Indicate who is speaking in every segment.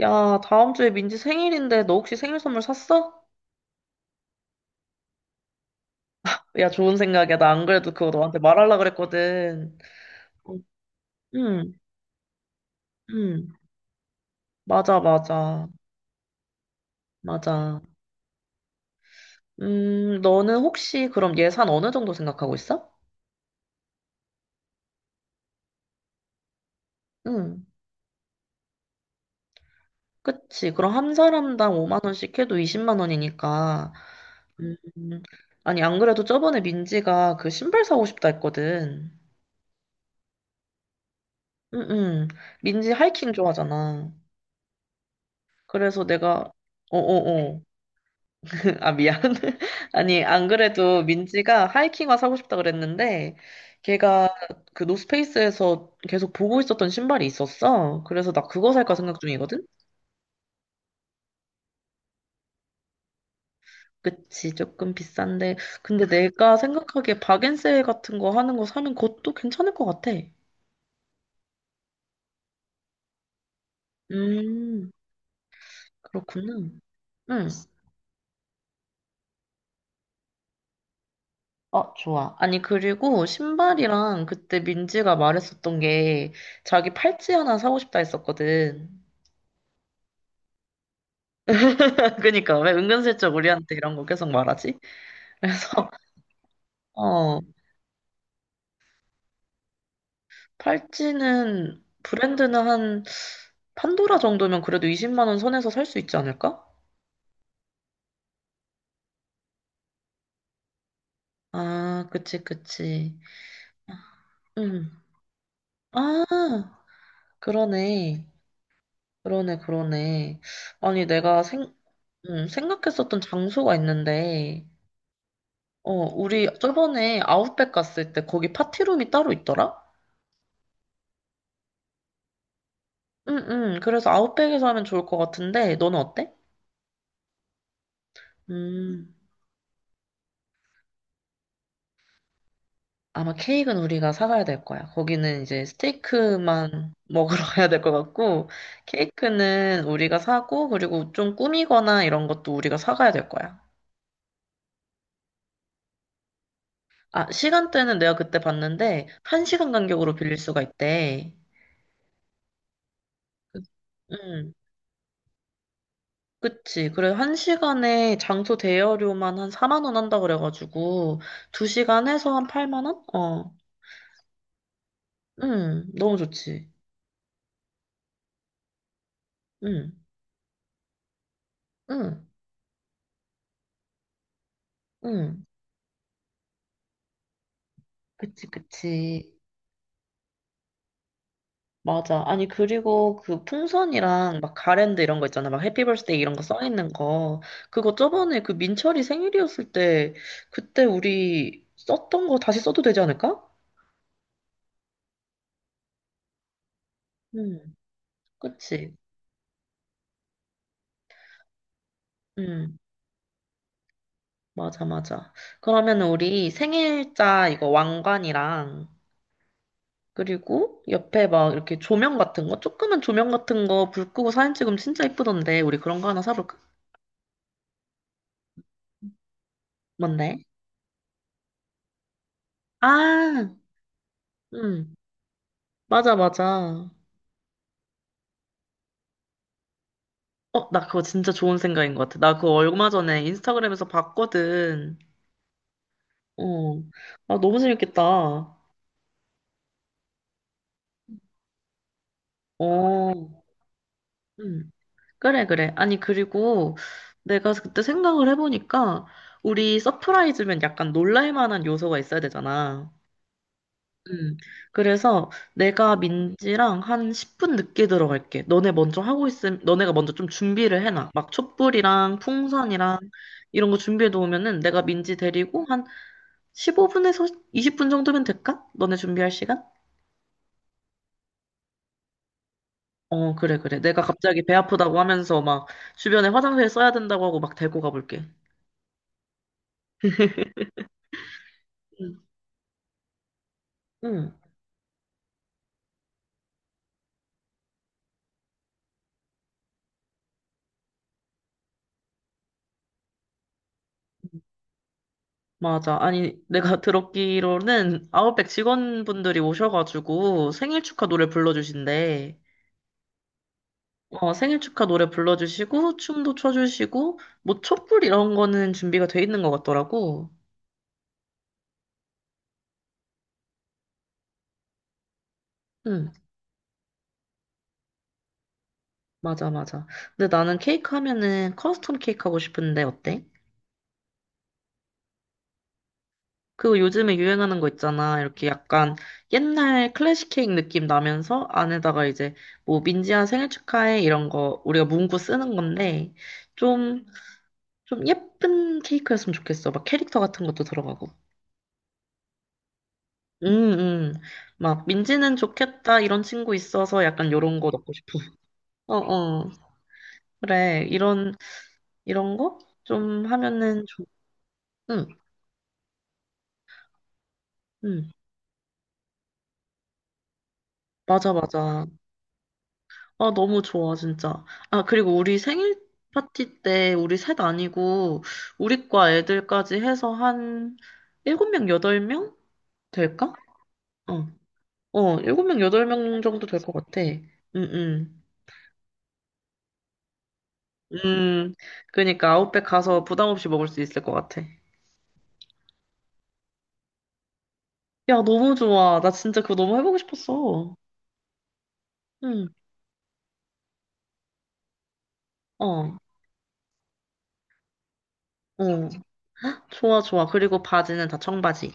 Speaker 1: 야, 다음 주에 민지 생일인데 너 혹시 생일 선물 샀어? 야, 좋은 생각이야. 나 안 그래도 그거 너한테 말하려고 그랬거든. 어, 응, 응. 맞아, 맞아. 맞아. 너는 혹시 그럼 예산 어느 정도 생각하고 있어? 응. 그치. 그럼 한 사람당 5만 원씩 해도 20만 원이니까. 음, 아니, 안 그래도 저번에 민지가 그 신발 사고 싶다 했거든. 응, 응. 민지 하이킹 좋아하잖아. 그래서 내가, 어어어. 아, 미안. 아니, 안 그래도 민지가 하이킹화 사고 싶다 그랬는데, 걔가 그 노스페이스에서 계속 보고 있었던 신발이 있었어. 그래서 나 그거 살까 생각 중이거든? 그치, 조금 비싼데. 근데 내가 생각하기에 박앤세 같은 거 하는 거 사면 그것도 괜찮을 것 같아. 음, 그렇구나. 응. 어, 좋아. 아니, 그리고 신발이랑 그때 민지가 말했었던 게 자기 팔찌 하나 사고 싶다 했었거든. 그니까 왜 은근슬쩍 우리한테 이런 거 계속 말하지? 그래서 어, 팔찌는 브랜드는 한 판도라 정도면 그래도 20만 원 선에서 살 수 있지 않을까? 아, 그치, 그치. 음. 아, 그러네, 그러네, 그러네. 아니, 내가 생각했었던 장소가 있는데, 어, 우리 저번에 아웃백 갔을 때 거기 파티룸이 따로 있더라? 응응, 그래서 아웃백에서 하면 좋을 것 같은데 너는 어때? 음. 아마 케이크는 우리가 사가야 될 거야. 거기는 이제 스테이크만 먹으러 가야 될 것 같고, 케이크는 우리가 사고, 그리고 좀 꾸미거나 이런 것도 우리가 사가야 될 거야. 아, 시간대는 내가 그때 봤는데, 한시간 간격으로 빌릴 수가 있대. 그- 응, 그치. 그래, 한시간에 장소 대여료만 한 4만 원 한다 그래가지고, 두시간 해서 한 8만 원? 어. 응, 너무 좋지. 응, 응, 응. 그치, 그치. 맞아. 아니, 그리고 그 풍선이랑 막 가랜드 이런 거 있잖아. 막 해피 벌스데이 이런 거 써 있는 거. 그거 저번에 그 민철이 생일이었을 때 그때 우리 썼던 거 다시 써도 되지 않을까? 음, 그치. 음, 맞아, 맞아. 그러면 우리 생일자 이거 왕관이랑, 그리고 옆에 막 이렇게 조명 같은 거, 조그만 조명 같은 거 불 끄고 사진 찍으면 진짜 예쁘던데. 우리 그런 거 하나 사볼까? 뭔데? 아, 음, 맞아, 맞아. 어, 나 그거 진짜 좋은 생각인 것 같아. 나 그거 얼마 전에 인스타그램에서 봤거든. 어. 아, 너무 재밌겠다. 어. 음. 그래, 그래. 아니, 그리고 내가 그때 생각을 해보니까 우리 서프라이즈면 약간 놀랄 만한 요소가 있어야 되잖아. 음. 그래서 내가 민지랑 한 10분 늦게 들어갈게. 너네 먼저 하고 있음, 너네가 먼저 좀 준비를 해놔. 막 촛불이랑 풍선이랑 이런 거 준비해 놓으면은 내가 민지 데리고 한 15분에서 20분 정도면 될까? 너네 준비할 시간? 어, 그래, 그래. 내가 갑자기 배 아프다고 하면서 막 주변에 화장실 써야 된다고 하고 막 데리고 가볼게. 응, 응, 맞아. 아니, 내가 들었기로는 아웃백 직원분들이 오셔가지고 생일 축하 노래 불러주신대. 어, 생일 축하 노래 불러주시고, 춤도 춰주시고, 뭐 촛불 이런 거는 준비가 돼 있는 것 같더라고. 응, 맞아, 맞아. 근데 나는 케이크 하면은 커스텀 케이크 하고 싶은데 어때? 그 요즘에 유행하는 거 있잖아. 이렇게 약간 옛날 클래식 케이크 느낌 나면서 안에다가 이제 뭐 민지야 생일 축하해 이런 거 우리가 문구 쓰는 건데, 좀, 좀 예쁜 케이크였으면 좋겠어. 막 캐릭터 같은 것도 들어가고. 음, 음. 막 민지는 좋겠다 이런 친구 있어서 약간 요런 거 넣고 싶어. 어, 어. 그래. 이런 거 좀 하면은 좋, 응, 응. 맞아, 맞아. 아, 너무 좋아, 진짜. 아, 그리고 우리 생일 파티 때 우리 셋 아니고 우리 과 애들까지 해서 한 7명, 8명 될까? 어, 어, 7명, 8명 정도 될 것 같아. 응, 응. 음, 그러니까 아웃백 가서 부담 없이 먹을 수 있을 것 같아. 야, 너무 좋아. 나 진짜 그거 너무 해보고 싶었어. 응, 어, 어. 좋아, 좋아. 그리고 바지는 다 청바지.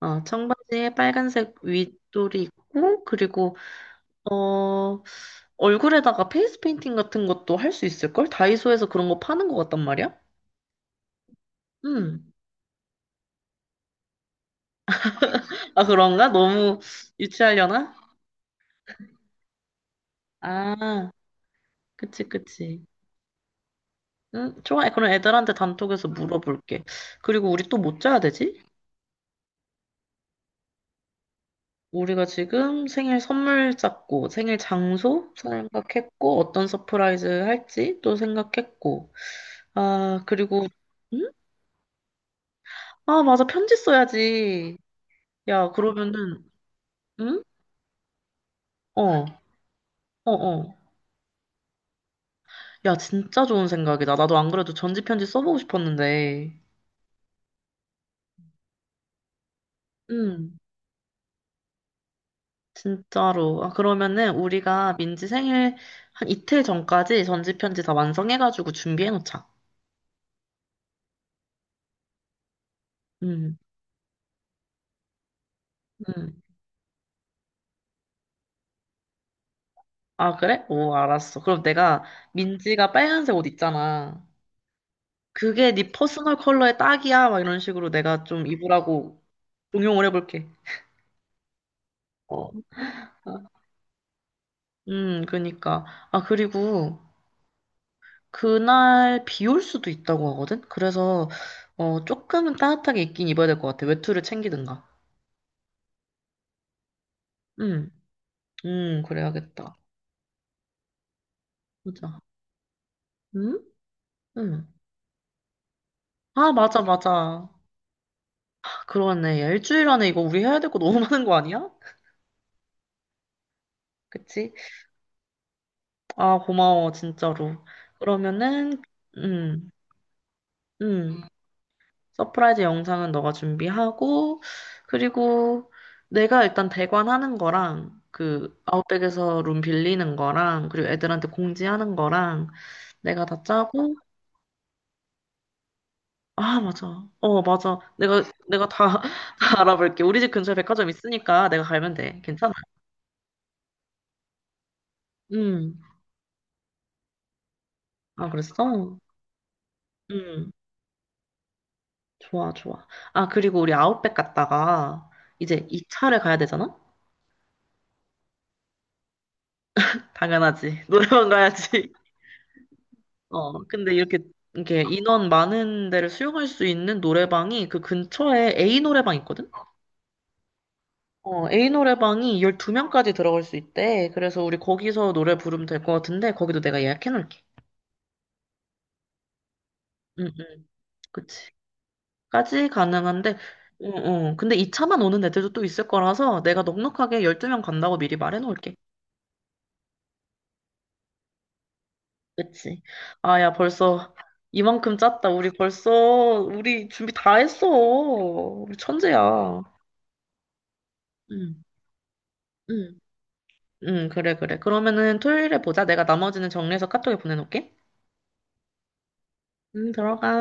Speaker 1: 어, 청바지에 빨간색 윗돌이 있고, 그리고 어, 얼굴에다가 페이스 페인팅 같은 것도 할 수 있을걸? 다이소에서 그런 거 파는 것 같단 말이야? 응. 아, 그런가? 너무 유치하려나? 아, 그치, 그치. 응, 좋아. 그럼 애들한테 단톡에서 물어볼게. 그리고 우리 또 뭐 짜야 되지? 우리가 지금 생일 선물 짰고, 생일 장소 생각했고, 어떤 서프라이즈 할지 또 생각했고. 아, 그리고, 응? 아, 맞아. 편지 써야지. 야, 그러면은, 응? 어, 어, 어. 야, 진짜 좋은 생각이다. 나도 안 그래도 전지편지 써보고 싶었는데. 음, 진짜로. 아, 그러면은 우리가 민지 생일 한 이틀 전까지 전지편지 다 완성해가지고 준비해놓자. 음, 음. 아, 그래? 오, 알았어. 그럼 내가 민지가 빨간색 옷 있잖아. 그게 네 퍼스널 컬러에 딱이야. 막 이런 식으로 내가 좀 입으라고 응용을 해볼게. 어. 그니까. 아, 그리고 그날 비 올 수도 있다고 하거든? 그래서, 조금은 따뜻하게 입긴 입어야 될 것 같아. 외투를 챙기든가. 응, 응, 그래야겠다. 보자. 응? 응. 아, 맞아, 맞아. 그러네. 야, 일주일 안에 이거 우리 해야 될 거 너무 많은 거 아니야? 그치? 아, 고마워, 진짜로. 그러면은, 응, 응. 서프라이즈 영상은 너가 준비하고, 그리고 내가 일단 대관하는 거랑, 그, 아웃백에서 룸 빌리는 거랑, 그리고 애들한테 공지하는 거랑, 내가 다 짜고, 아, 맞아. 어, 맞아. 내가 다 알아볼게. 우리 집 근처에 백화점 있으니까 내가 가면 돼. 괜찮아. 음. 아, 그랬어? 음. 좋아, 좋아. 아, 그리고 우리 아웃백 갔다가, 이제 이차를 가야 되잖아? 당연하지. 노래방 가야지. 어, 근데 이렇게 인원 많은 데를 수용할 수 있는 노래방이 그 근처에 A 노래방 있거든? 어, A 노래방이 12명까지 들어갈 수 있대. 그래서 우리 거기서 노래 부르면 될 것 같은데, 거기도 내가 예약해 놓을게. 응, 응. 그치. 까지 가능한데, 응, 응. 근데 이 차만 오는 애들도 또 있을 거라서 내가 넉넉하게 12명 간다고 미리 말해 놓을게. 그치. 아, 야, 벌써 이만큼 짰다. 우리 준비 다 했어. 우리 천재야. 응, 응. 응, 그래, 그래. 그러면은 토요일에 보자. 내가 나머지는 정리해서 카톡에 보내놓을게. 응, 들어가.